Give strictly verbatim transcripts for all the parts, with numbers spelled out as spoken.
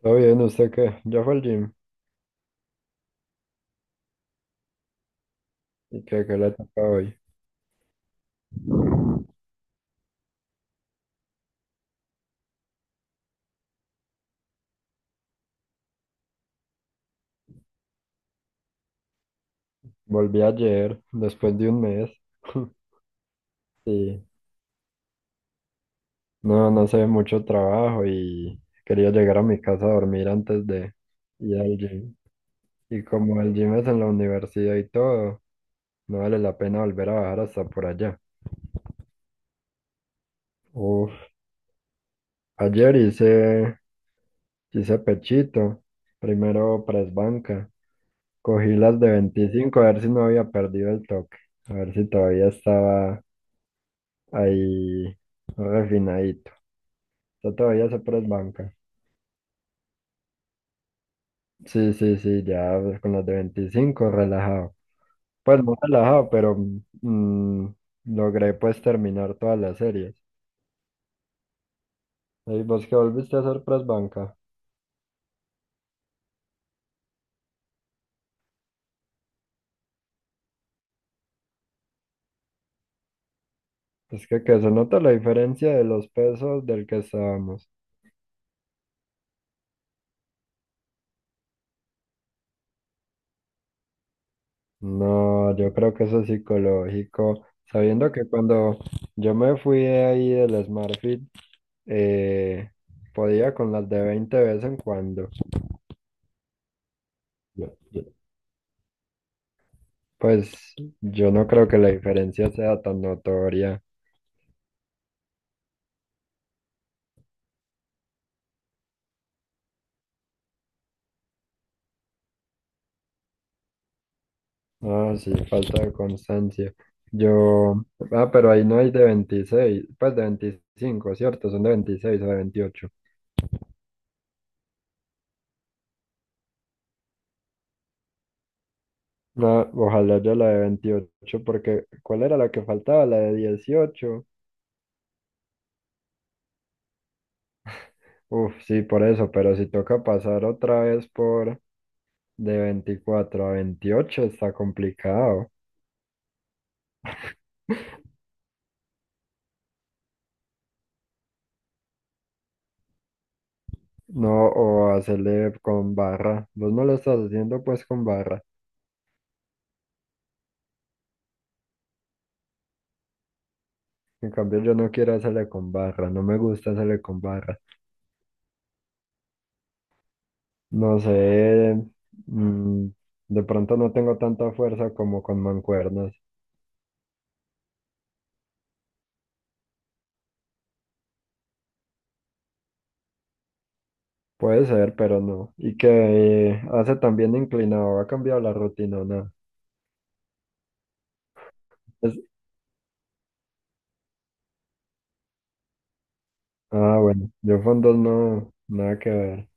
Todo bien, ¿usted qué? Yo fui al gym y que, que le toca hoy. Volví ayer, después de un mes. Sí, no, no sé, mucho trabajo y quería llegar a mi casa a dormir antes de ir al gym. Y como el gym es en la universidad y todo, no vale la pena volver a bajar hasta por allá. Uf, ayer hice, hice pechito, primero press banca, cogí las de veinticinco a ver si no había perdido el toque, a ver si todavía estaba ahí, refinadito. Yo todavía se banca. Sí, sí, sí, ya con los de veinticinco relajado. Pues no relajado, pero mm, logré pues terminar todas las series. ¿Y vos que volviste a hacer press banca? Es que, que se nota la diferencia de los pesos del que estábamos. No, yo creo que eso es psicológico. Sabiendo que cuando yo me fui de ahí del SmartFit, eh, podía con las de veinte de vez en cuando. Yo, yo- Pues yo no creo que la diferencia sea tan notoria. Ah, sí, falta de constancia. Yo, ah, pero ahí no hay de veintiséis pues de veinticinco, ¿cierto? Son de veintiséis o de veintiocho. No, ojalá yo la de veintiocho porque ¿cuál era la que faltaba? La de dieciocho. Uf, sí, por eso, pero si toca pasar otra vez por de veinticuatro a veintiocho está complicado. No, o hacerle con barra. Vos no lo estás haciendo pues con barra. En cambio, yo no quiero hacerle con barra, no me gusta hacerle con barra. No sé, mm, de pronto no tengo tanta fuerza como con mancuernas. Puede ser, pero no. Y que eh, hace también inclinado, ha cambiado la rutina, o nada. Es- ah, bueno, yo fondos no, nada que ver.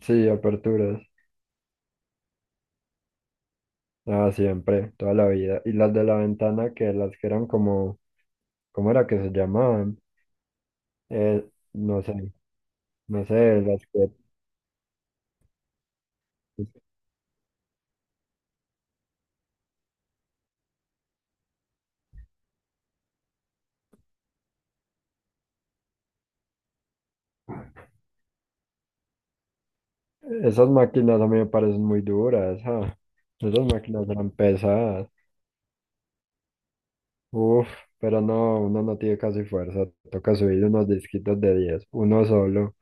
Sí, aperturas. Ah, siempre, toda la vida. Y las de la ventana, que las que eran como, ¿cómo era que se llamaban? Eh, no sé, no sé, las que. Esas máquinas a mí me parecen muy duras, ah. Esas máquinas eran pesadas. Uf, pero no, uno no tiene casi fuerza. Toca subir unos disquitos de diez, uno solo.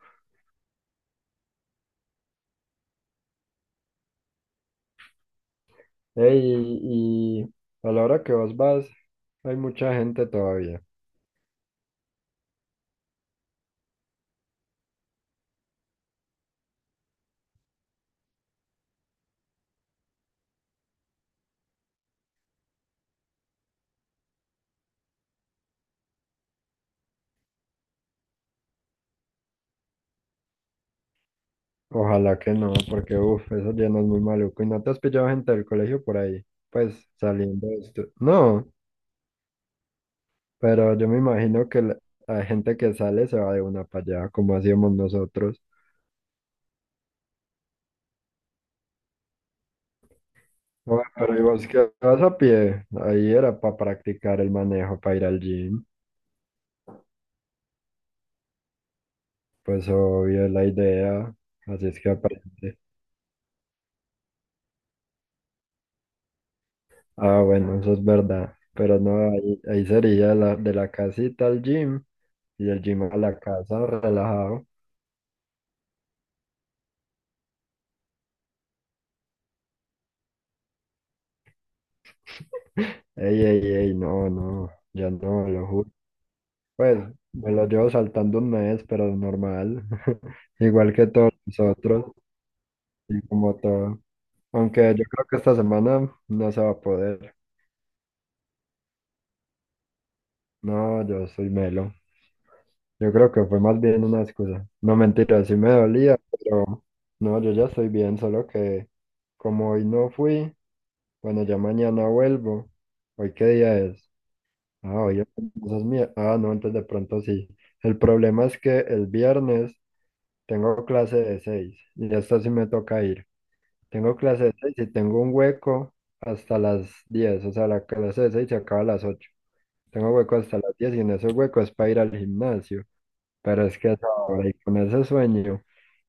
Ey, y y a la hora que vos vas, hay mucha gente todavía. Ojalá que no, porque uf, eso ya no es muy maluco. ¿Y no te has pillado gente del colegio por ahí? Pues saliendo de esto. No, pero yo me imagino que la, la gente que sale se va de una para allá, como hacíamos nosotros. Bueno, pero ¿y vos qué vas a pie? Ahí era para practicar el manejo, para ir al gym. Pues obvio es la idea, así es que aprende. Ah, bueno, eso es verdad. Pero no, ahí, ahí sería la, de la casita al gym y del gym a la casa, relajado. Ey, ey, ey, no, no, ya no, lo juro. Pues me lo llevo saltando un mes, pero es normal, igual que todos nosotros y como todo. Aunque yo creo que esta semana no se va a poder. No, yo soy melo. Yo creo que fue más bien una excusa. No, mentira, sí me dolía, pero no, yo ya estoy bien, solo que como hoy no fui, bueno, ya mañana vuelvo. ¿Hoy qué día es? Ah, hoy es entonces mi- Ah, no, entonces de pronto sí. El problema es que el viernes tengo clase de seis y hasta sí me toca ir. Tengo clase de seis y tengo un hueco hasta las diez, o sea, la clase de seis se acaba a las ocho. Tengo hueco hasta las diez y en ese hueco es para ir al gimnasio. Pero es que hasta ahora y con ese sueño,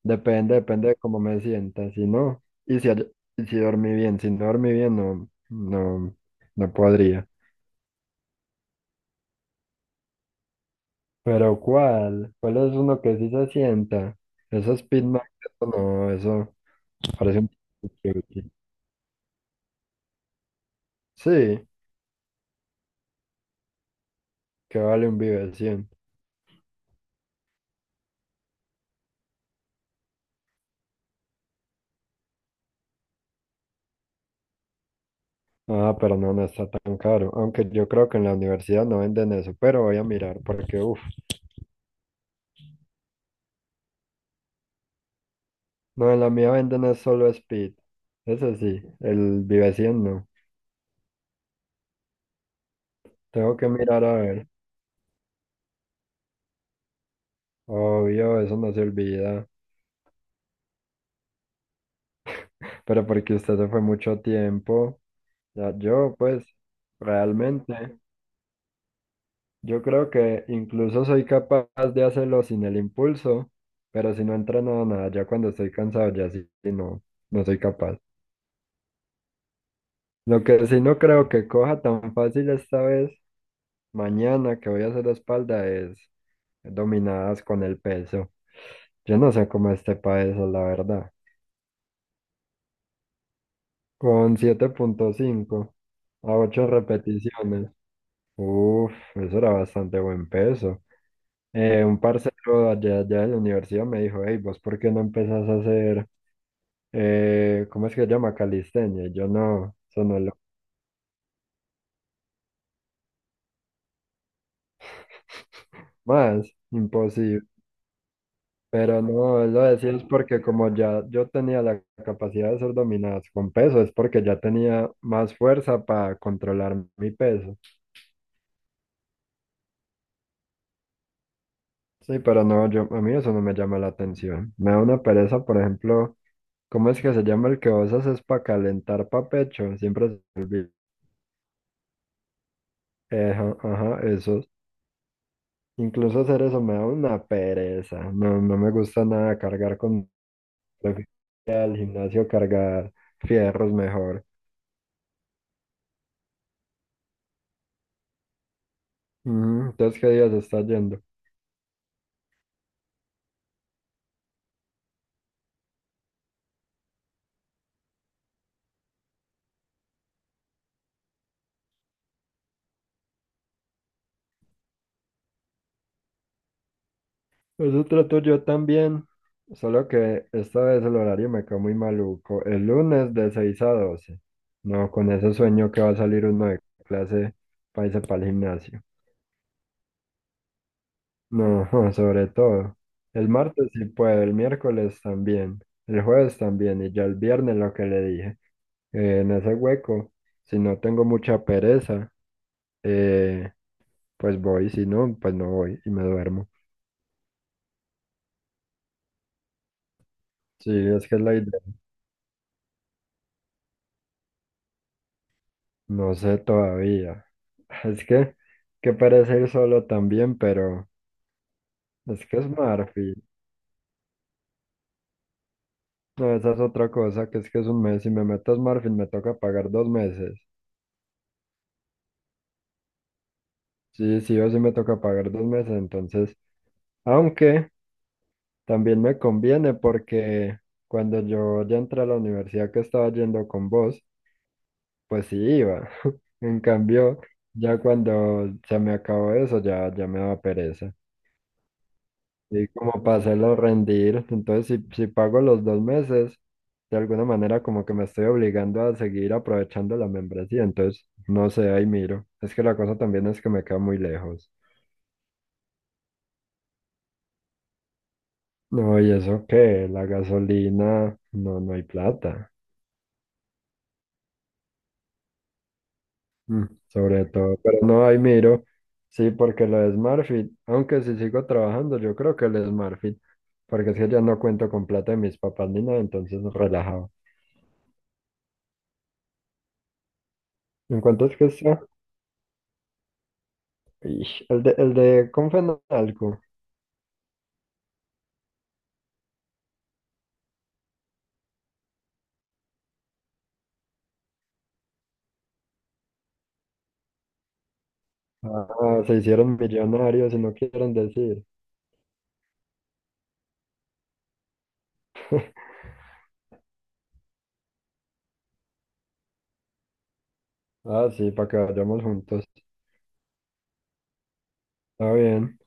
depende, depende de cómo me sienta. Si no, y si, hay- y si dormí bien, si no dormí bien, no, no, no podría. Pero ¿cuál? ¿Cuál es uno que sí se sienta? Eso es pitman, eso no, eso parece un chuchi. Sí, que vale un Vive cien. Ah, pero no, no está tan caro. Aunque yo creo que en la universidad no venden eso, pero voy a mirar porque, uff, no, en la mía venden es solo Speed. Eso sí, el Vive cien no. Tengo que mirar a ver. Obvio, eso no se olvida. Pero porque usted se fue mucho tiempo. Ya yo, pues, realmente, yo creo que incluso soy capaz de hacerlo sin el impulso, pero si no entreno nada, ya cuando estoy cansado, ya sí, sí no, no soy capaz. Lo que sí no creo que coja tan fácil esta vez, mañana que voy a hacer espalda, es dominadas con el peso. Yo no sé cómo este país, la verdad. Con siete punto cinco a ocho repeticiones. Uf, eso era bastante buen peso. Eh, un parcero allá, allá, de la universidad me dijo, hey, ¿vos por qué no empezás a hacer, eh, cómo es que se llama? Calistenia. Y yo no, eso no es lo más, imposible. Pero no, él lo decía es porque como ya yo tenía la capacidad de ser dominadas con peso, es porque ya tenía más fuerza para controlar mi peso. Sí, pero no, yo, a mí eso no me llama la atención. Me da una pereza, por ejemplo, ¿cómo es que se llama el que vos haces para calentar pa' pecho? Siempre se me olvida. Eja, ajá, esos. Incluso hacer eso me da una pereza. No, no me gusta nada cargar con. Prefiero ir al gimnasio cargar fierros mejor. Ujú, entonces, ¿qué día se está yendo? Nosotros tú, yo también, solo que esta vez el horario me quedó muy maluco. El lunes de seis a doce. No, con ese sueño que va a salir uno de clase para irse para el gimnasio. No, sobre todo. El martes sí puedo, el miércoles también, el jueves también, y ya el viernes lo que le dije. Eh, en ese hueco, si no tengo mucha pereza, eh, pues voy, si no, pues no voy y me duermo. Sí, es que es la idea. No sé todavía. Es que, que parece ir solo también, pero es que es Marfil. No, esa es otra cosa, que es que es un mes. Si me meto a Marfil, me toca pagar dos meses. Sí, sí o sí me toca pagar dos meses, entonces. Aunque también me conviene porque cuando yo ya entré a la universidad que estaba yendo con vos, pues sí iba. En cambio, ya cuando se me acabó eso, ya, ya me daba pereza. Y como para hacerlo rendir. Entonces, si, si pago los dos meses, de alguna manera como que me estoy obligando a seguir aprovechando la membresía. Entonces, no sé, ahí miro. Es que la cosa también es que me queda muy lejos. No, y eso que la gasolina, no, no hay plata. Mm, Sobre todo, pero no, ahí miro. Sí, porque lo de SmartFit, aunque si sigo trabajando, yo creo que el SmartFit, porque es que ya no cuento con plata de mis papás ni nada, entonces relajado. ¿En cuánto es que está? Ish, El de, el de Confenalco. Ah, se hicieron millonarios y no quieren decir. Ah, sí, para que vayamos juntos. Está bien.